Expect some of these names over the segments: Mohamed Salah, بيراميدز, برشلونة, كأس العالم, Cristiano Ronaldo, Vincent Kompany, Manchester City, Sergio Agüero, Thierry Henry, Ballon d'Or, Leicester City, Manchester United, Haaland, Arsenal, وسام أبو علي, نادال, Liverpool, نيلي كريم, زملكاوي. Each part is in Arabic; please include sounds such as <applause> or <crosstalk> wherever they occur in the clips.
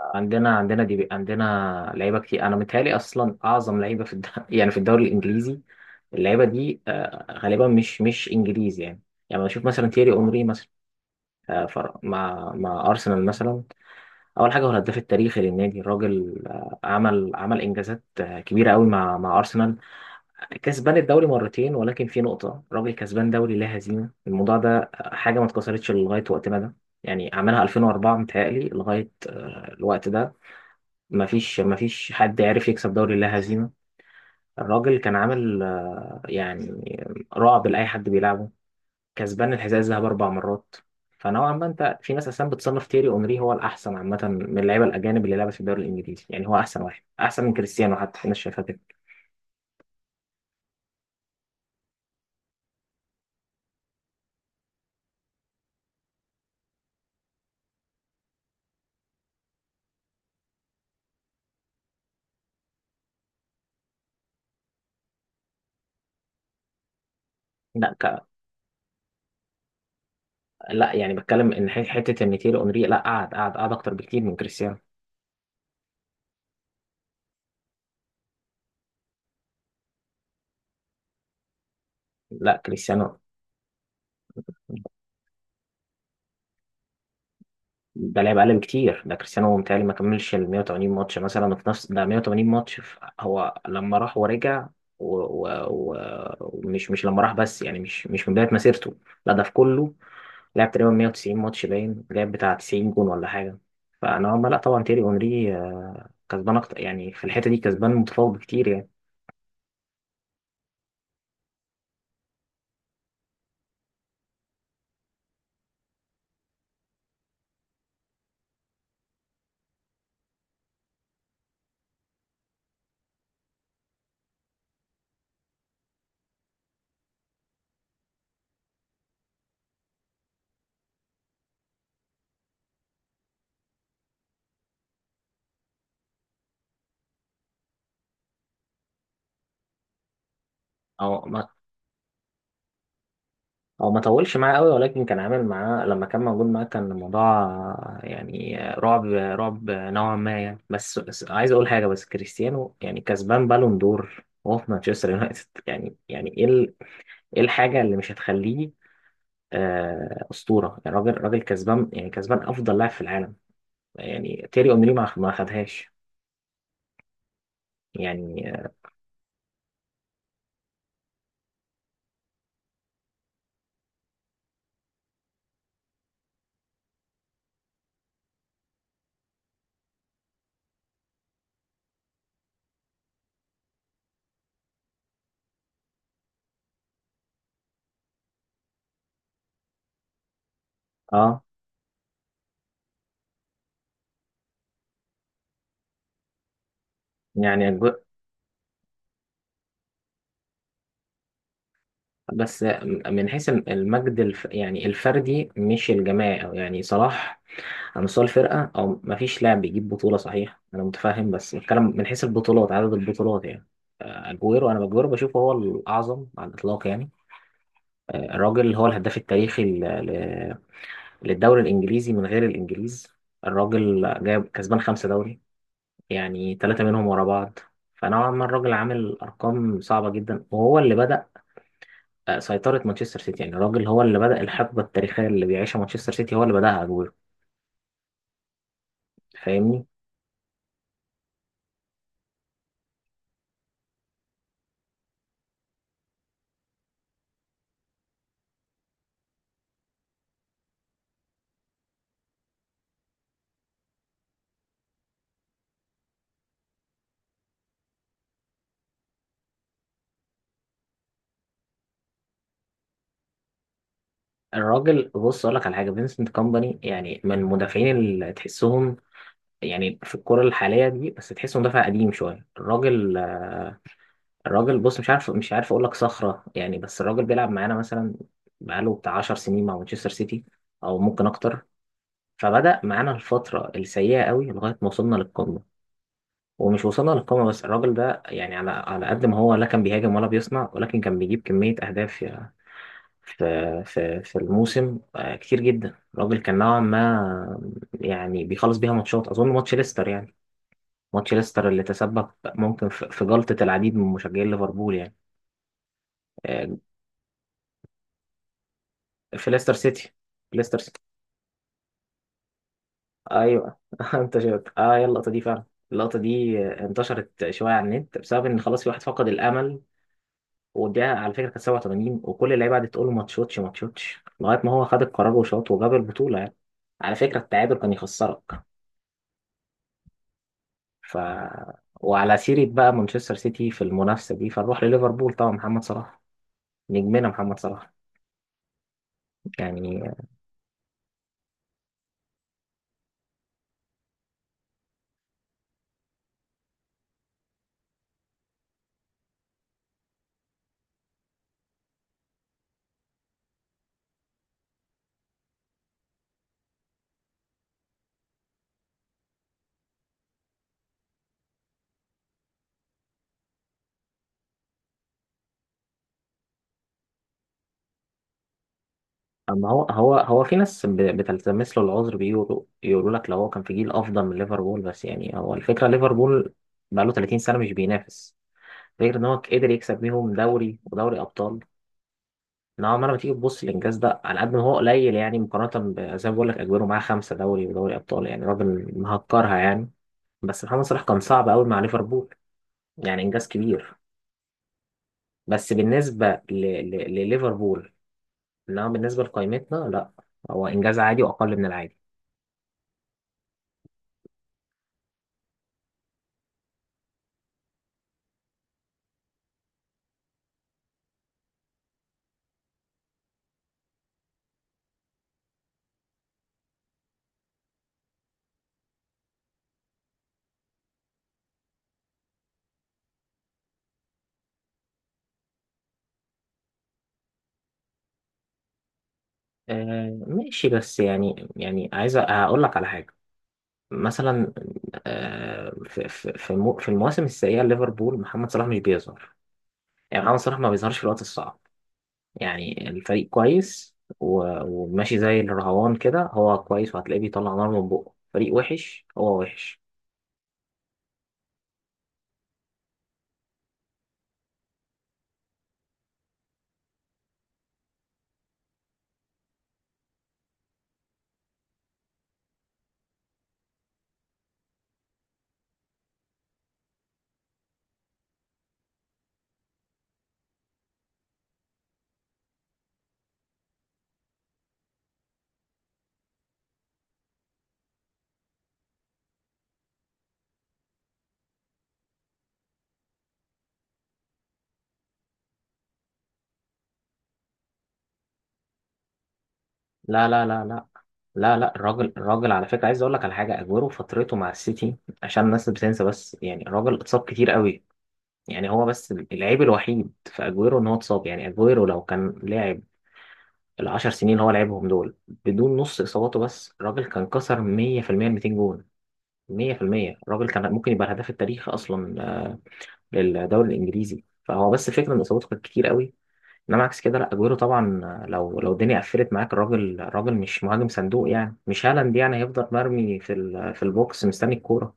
عندنا لعيبه كتير. انا متهيألي اصلا اعظم لعيبه <laughs> يعني في الدوري الانجليزي. اللعيبه دي غالبا مش انجليزي يعني. يعني بشوف مثلا تييري اونري مثلا، مع ارسنال مثلا. اول حاجه هو الهداف التاريخي للنادي. الراجل عمل انجازات كبيره قوي مع ارسنال. كسبان الدوري مرتين، ولكن في نقطه، الراجل كسبان دوري لا هزيمه. الموضوع ده حاجه ما اتكسرتش لغايه وقتنا ده. يعني عملها 2004 متهيألي لغايه الوقت ده. ما فيش حد عرف يكسب دوري لا هزيمة. الراجل كان عامل يعني رعب لأي حد بيلعبه. كسبان الحذاء الذهبي أربع مرات. فنوعا ما، أنت في ناس أصلا بتصنف تيري أونري هو الأحسن عامة من اللعيبة الأجانب اللي لعبت في الدوري الإنجليزي، يعني هو أحسن واحد، أحسن من كريستيانو حتى، في ناس شايفها كده. لا، لا، يعني بتكلم إن حتة إن تيري أونري لا قعد أكتر بكتير من كريستيانو. لا، كريستيانو ده لعب اقل بكتير. ده كريستيانو متهيألي ما كملش ال 180 ماتش مثلا، في نفس ده 180 ماتش، في هو لما راح ورجع. و... و... و... ومش مش لما راح بس، يعني مش من بداية مسيرته. لا ده في كله، لعب تقريبا 190 ماتش، باين لعب بتاع 90 جون ولا حاجة. فأنا ما لا، طبعا تيري اونري كسبان أكتر يعني، في الحتة دي كسبان متفوق بكتير يعني. أو، هو ما طولش معاه قوي، ولكن كان عامل معاه لما كان موجود معاه، كان الموضوع رعب رعب نوعا ما يعني. بس عايز اقول حاجه، بس كريستيانو يعني كسبان بالون دور وهو في مانشستر يونايتد. <laughs> يعني ايه الحاجه اللي مش هتخليه اسطوره؟ يعني راجل راجل كسبان، يعني كسبان افضل لاعب في العالم. يعني تيري اونري ما خدهاش يعني. اه. يعني الج- بس من حيث المجد، الفردي مش الجماعي، أو يعني صلاح على مستوى الفرقة، أو مفيش لاعب بيجيب بطولة، صحيح أنا متفاهم، بس بتكلم من حيث البطولات، عدد البطولات يعني. أجويرو، أنا أجويرو بشوفه هو الأعظم على الإطلاق يعني. الراجل هو الهداف التاريخي للدوري الإنجليزي من غير الإنجليز. الراجل جايب، كسبان خمسة دوري، يعني ثلاثة منهم ورا بعض. فنوعا ما الراجل عامل أرقام صعبة جدا، وهو اللي بدأ سيطرة مانشستر سيتي. يعني الراجل هو اللي بدأ الحقبة التاريخية اللي بيعيشها مانشستر سيتي، هو اللي بدأها، أجويرو. فاهمني؟ الراجل، بص اقول لك على حاجه، فينسنت كومباني يعني من المدافعين اللي تحسهم يعني في الكرة الحالية دي، بس تحسه مدافع قديم شوية الراجل. الراجل، بص، مش عارف اقول لك صخرة يعني، بس الراجل بيلعب معانا مثلا، بقاله بتاع 10 سنين مع مانشستر سيتي، او ممكن اكتر. فبدأ معانا الفترة السيئة قوي لغاية ما وصلنا للقمة. ومش وصلنا للقمة بس، الراجل ده يعني، على قد ما هو لا كان بيهاجم ولا بيصنع، ولكن كان بيجيب كمية أهداف في في الموسم كتير جدا. الراجل كان نوعا ما يعني بيخلص بيها ماتشات، اظن ماتش ليستر يعني، ماتش ليستر اللي تسبب ممكن في جلطة العديد من مشجعين ليفربول يعني. آه، في ليستر سيتي، ليستر سيتي، ايوه. <laughs> انت شفت؟ اه، هي اللقطة دي فعلا. اللقطة دي انتشرت شوية على النت، بسبب ان خلاص في واحد فقد الامل. وديها على فكرة كانت 87، وكل اللعيبة قعدت تقول له ما تشوتش ما تشوتش، لغاية ما هو خد القرار وشاط وجاب البطولة يعني. على فكرة التعادل كان يخسرك. ف وعلى سيرة بقى مانشستر سيتي في المنافسة دي، فنروح لليفربول. طبعا محمد صلاح، نجمنا محمد صلاح يعني. اما هو هو في ناس بتلتمس له العذر، يقولوا لك لو هو كان في جيل افضل من ليفربول. بس يعني هو الفكرة، ليفربول بقى له 30 سنة مش بينافس، غير ان هو قدر يكسب بيهم دوري ودوري ابطال. نوعا ما لما تيجي تبص الانجاز ده على قد ما هو قليل، يعني مقارنة زي ما بقول لك، اجويرو معاه خمسة دوري ودوري ابطال، يعني راجل مهكرها يعني. بس محمد صلاح كان صعب قوي مع ليفربول، يعني انجاز كبير، بس بالنسبة لليفربول. إنما بالنسبة لقائمتنا لا، هو إنجاز عادي وأقل من العادي. آه ماشي، بس يعني عايز أقول لك على حاجة. مثلا، آه في المواسم السيئة ليفربول، محمد صلاح مش بيظهر. يعني محمد صلاح ما بيظهرش في الوقت الصعب. يعني الفريق كويس وماشي زي الرهوان كده، هو كويس، وهتلاقيه بيطلع نار من بقه. فريق وحش، هو وحش. لا، لا، لا، لا، لا، لا، الراجل على فكرة عايز اقول لك على حاجة. اجويرو فترته مع السيتي، عشان الناس بتنسى، بس يعني الراجل اتصاب كتير قوي. يعني هو بس العيب الوحيد في اجويرو ان هو اتصاب. يعني اجويرو لو كان لعب العشر سنين اللي هو لعبهم دول بدون نص اصاباته، بس الراجل كان كسر 100% ال 200 جون. 100% الراجل كان ممكن يبقى الهداف التاريخي اصلا للدوري الانجليزي. فهو بس فكرة ان اصاباته كانت كتير قوي. انما عكس كده لا، اجويرو طبعا، لو الدنيا قفلت معاك، الراجل مش مهاجم صندوق يعني، مش هالاند يعني، هيفضل مرمي في البوكس مستني الكوره.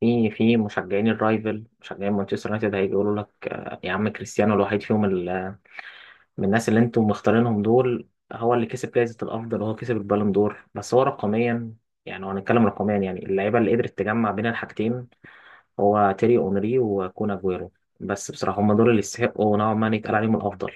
في مشجعين الرايفل، مشجعين مانشستر يونايتد هيجي يقولوا لك يا عم كريستيانو الوحيد فيهم، من الناس اللي انتم مختارينهم دول هو اللي كسب جائزه الافضل، وهو كسب البالون دور، بس هو رقميا. يعني لو هنتكلم رقميا، يعني اللعيبه اللي قدرت تجمع بين الحاجتين هو تيري اونري وكون اجويرو. بس بصراحه هم دول اللي يستحقوا نوعا ما إن يتقال عليهم الافضل.